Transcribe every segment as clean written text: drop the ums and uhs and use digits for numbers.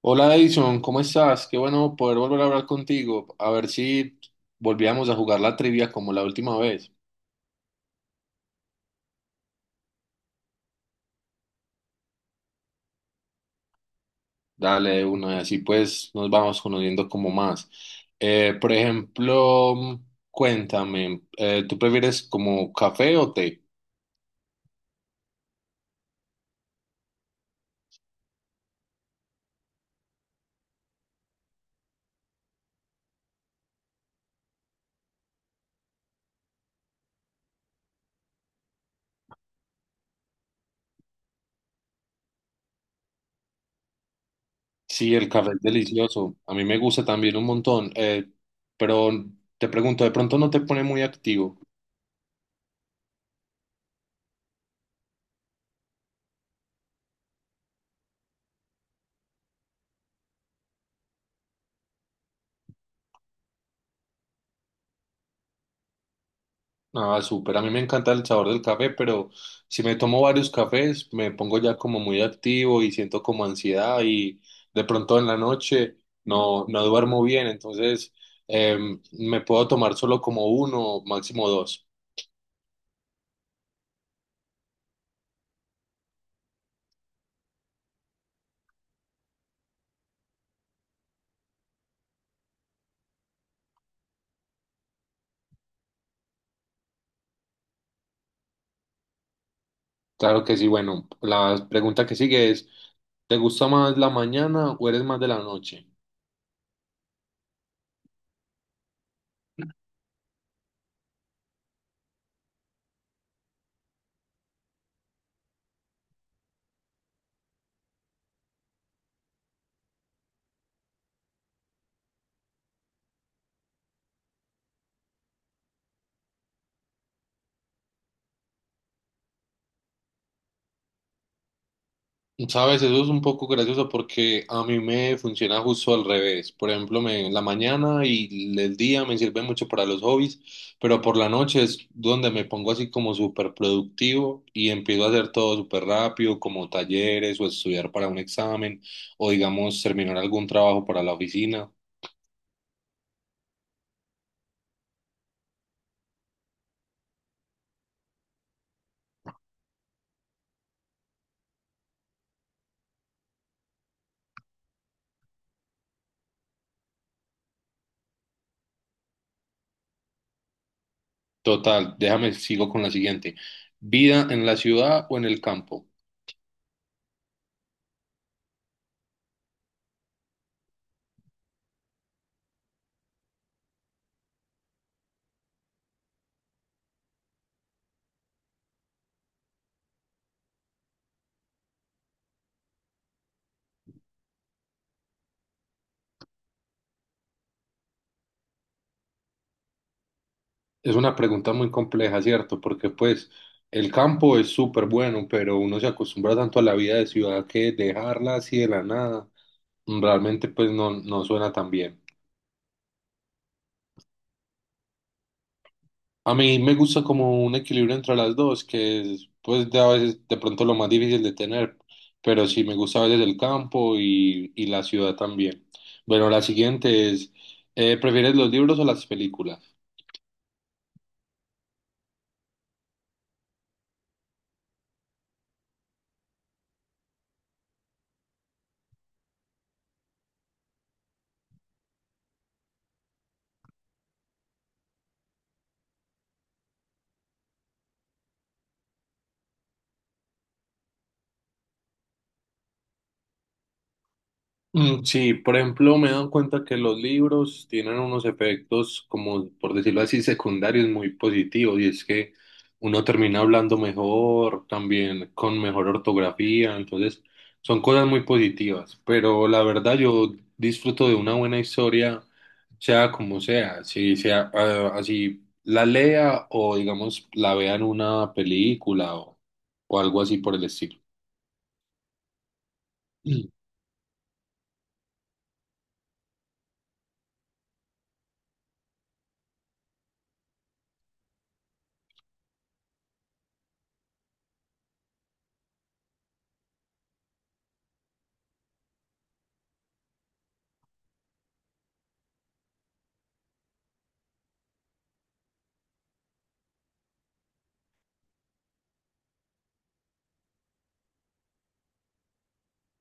Hola Edison, ¿cómo estás? Qué bueno poder volver a hablar contigo. A ver si volvíamos a jugar la trivia como la última vez. Dale de una y así pues nos vamos conociendo como más. Por ejemplo, cuéntame, ¿tú prefieres como café o té? Sí, el café es delicioso. A mí me gusta también un montón. Pero te pregunto, ¿de pronto no te pone muy activo? Ah, súper. A mí me encanta el sabor del café, pero si me tomo varios cafés, me pongo ya como muy activo y siento como ansiedad y de pronto en la noche no, no duermo bien. Entonces, me puedo tomar solo como uno, máximo dos. Claro que sí. Bueno, la pregunta que sigue es, ¿te gusta más la mañana o eres más de la noche? Sabes, eso es un poco gracioso porque a mí me funciona justo al revés. Por ejemplo, me, la mañana y el día me sirven mucho para los hobbies, pero por la noche es donde me pongo así como súper productivo y empiezo a hacer todo súper rápido, como talleres o estudiar para un examen o digamos terminar algún trabajo para la oficina. Total, déjame, sigo con la siguiente. ¿Vida en la ciudad o en el campo? Es una pregunta muy compleja, ¿cierto? Porque pues el campo es súper bueno, pero uno se acostumbra tanto a la vida de ciudad que dejarla así de la nada realmente pues no, no suena tan bien. A mí me gusta como un equilibrio entre las dos, que es pues de a veces de pronto lo más difícil de tener, pero sí me gusta a veces el campo y la ciudad también. Bueno, la siguiente es, ¿prefieres los libros o las películas? Mm, sí, por ejemplo, me he dado cuenta que los libros tienen unos efectos, como por decirlo así, secundarios muy positivos, y es que uno termina hablando mejor, también con mejor ortografía, entonces son cosas muy positivas, pero la verdad yo disfruto de una buena historia, sea como sea, si sea ah, así la lea o digamos la vea en una película o algo así por el estilo.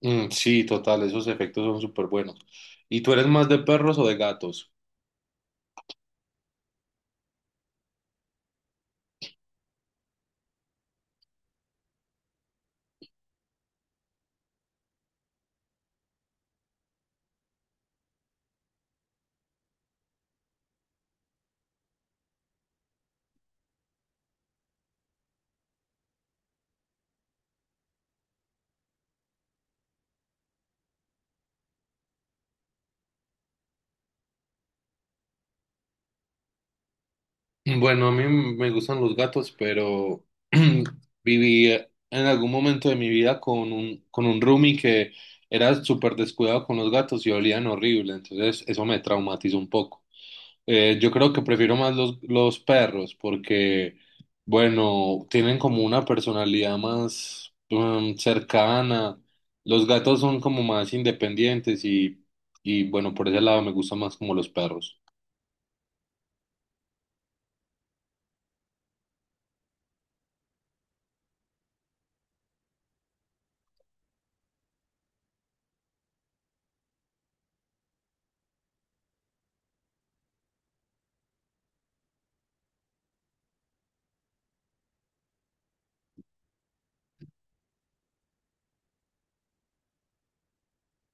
Mm, sí, total, esos efectos son súper buenos. ¿Y tú eres más de perros o de gatos? Mm, bueno, a mí me gustan los gatos, pero viví en algún momento de mi vida con un roomie que era súper descuidado con los gatos y olían horrible, entonces eso me traumatizó un poco. Yo creo que prefiero más los perros porque, bueno, tienen como una personalidad más cercana. Los gatos son como más independientes y, bueno, por ese lado me gustan más como los perros.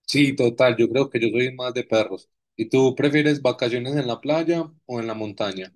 Sí, total, yo creo que yo soy más de perros. ¿Y tú prefieres vacaciones en la playa o en la montaña?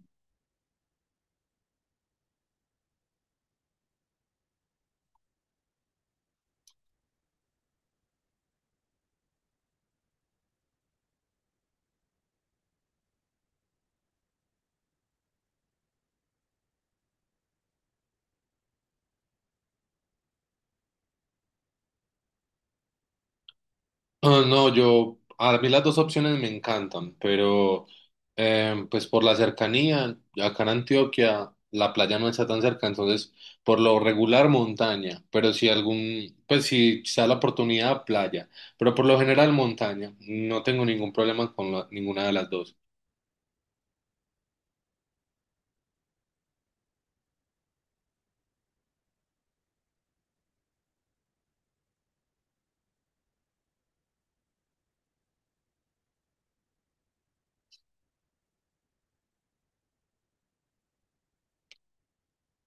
Ah, no, yo, a mí las dos opciones me encantan, pero pues por la cercanía, acá en Antioquia la playa no está tan cerca, entonces por lo regular montaña, pero si algún, pues si se da la oportunidad, playa, pero por lo general montaña, no tengo ningún problema con la- ninguna de las dos.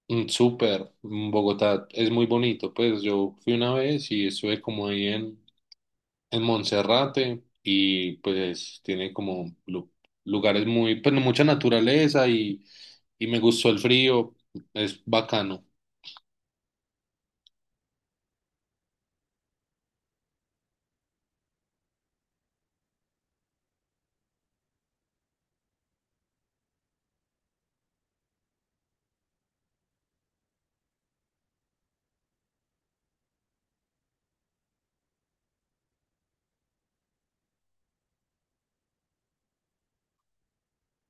Mm, súper, mm, Bogotá es muy bonito, pues yo fui una vez y estuve como ahí en Monserrate y pues tiene como lu- lugares muy, pues mucha naturaleza y me gustó el frío, es bacano.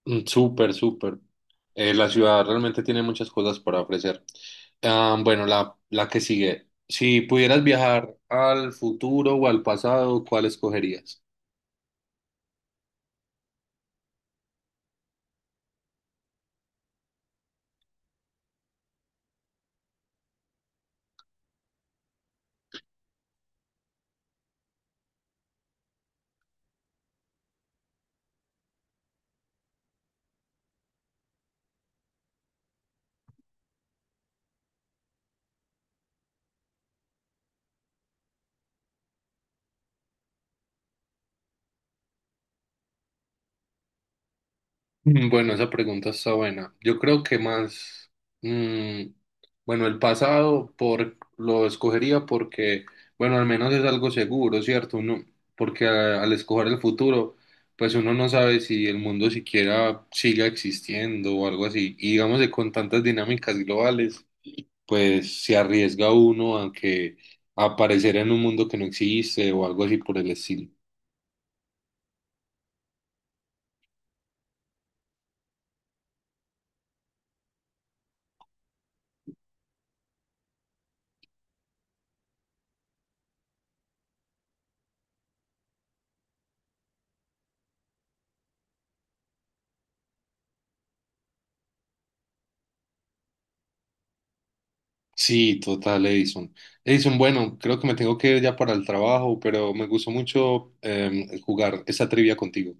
Mm, súper, súper. La ciudad realmente tiene muchas cosas para ofrecer. Ah, bueno, la que sigue. Si pudieras viajar al futuro o al pasado, ¿cuál escogerías? Bueno, esa pregunta está buena. Yo creo que más, mm, bueno, el pasado por, lo escogería porque, bueno, al menos es algo seguro, ¿cierto? Uno, porque a- al escoger el futuro, pues uno no sabe si el mundo siquiera siga existiendo o algo así. Y digamos que con tantas dinámicas globales, pues se arriesga uno a que a aparecer en un mundo que no existe o algo así por el estilo. Sí, total, Edison. Edison, bueno, creo que me tengo que ir ya para el trabajo, pero me gustó mucho jugar esta trivia contigo.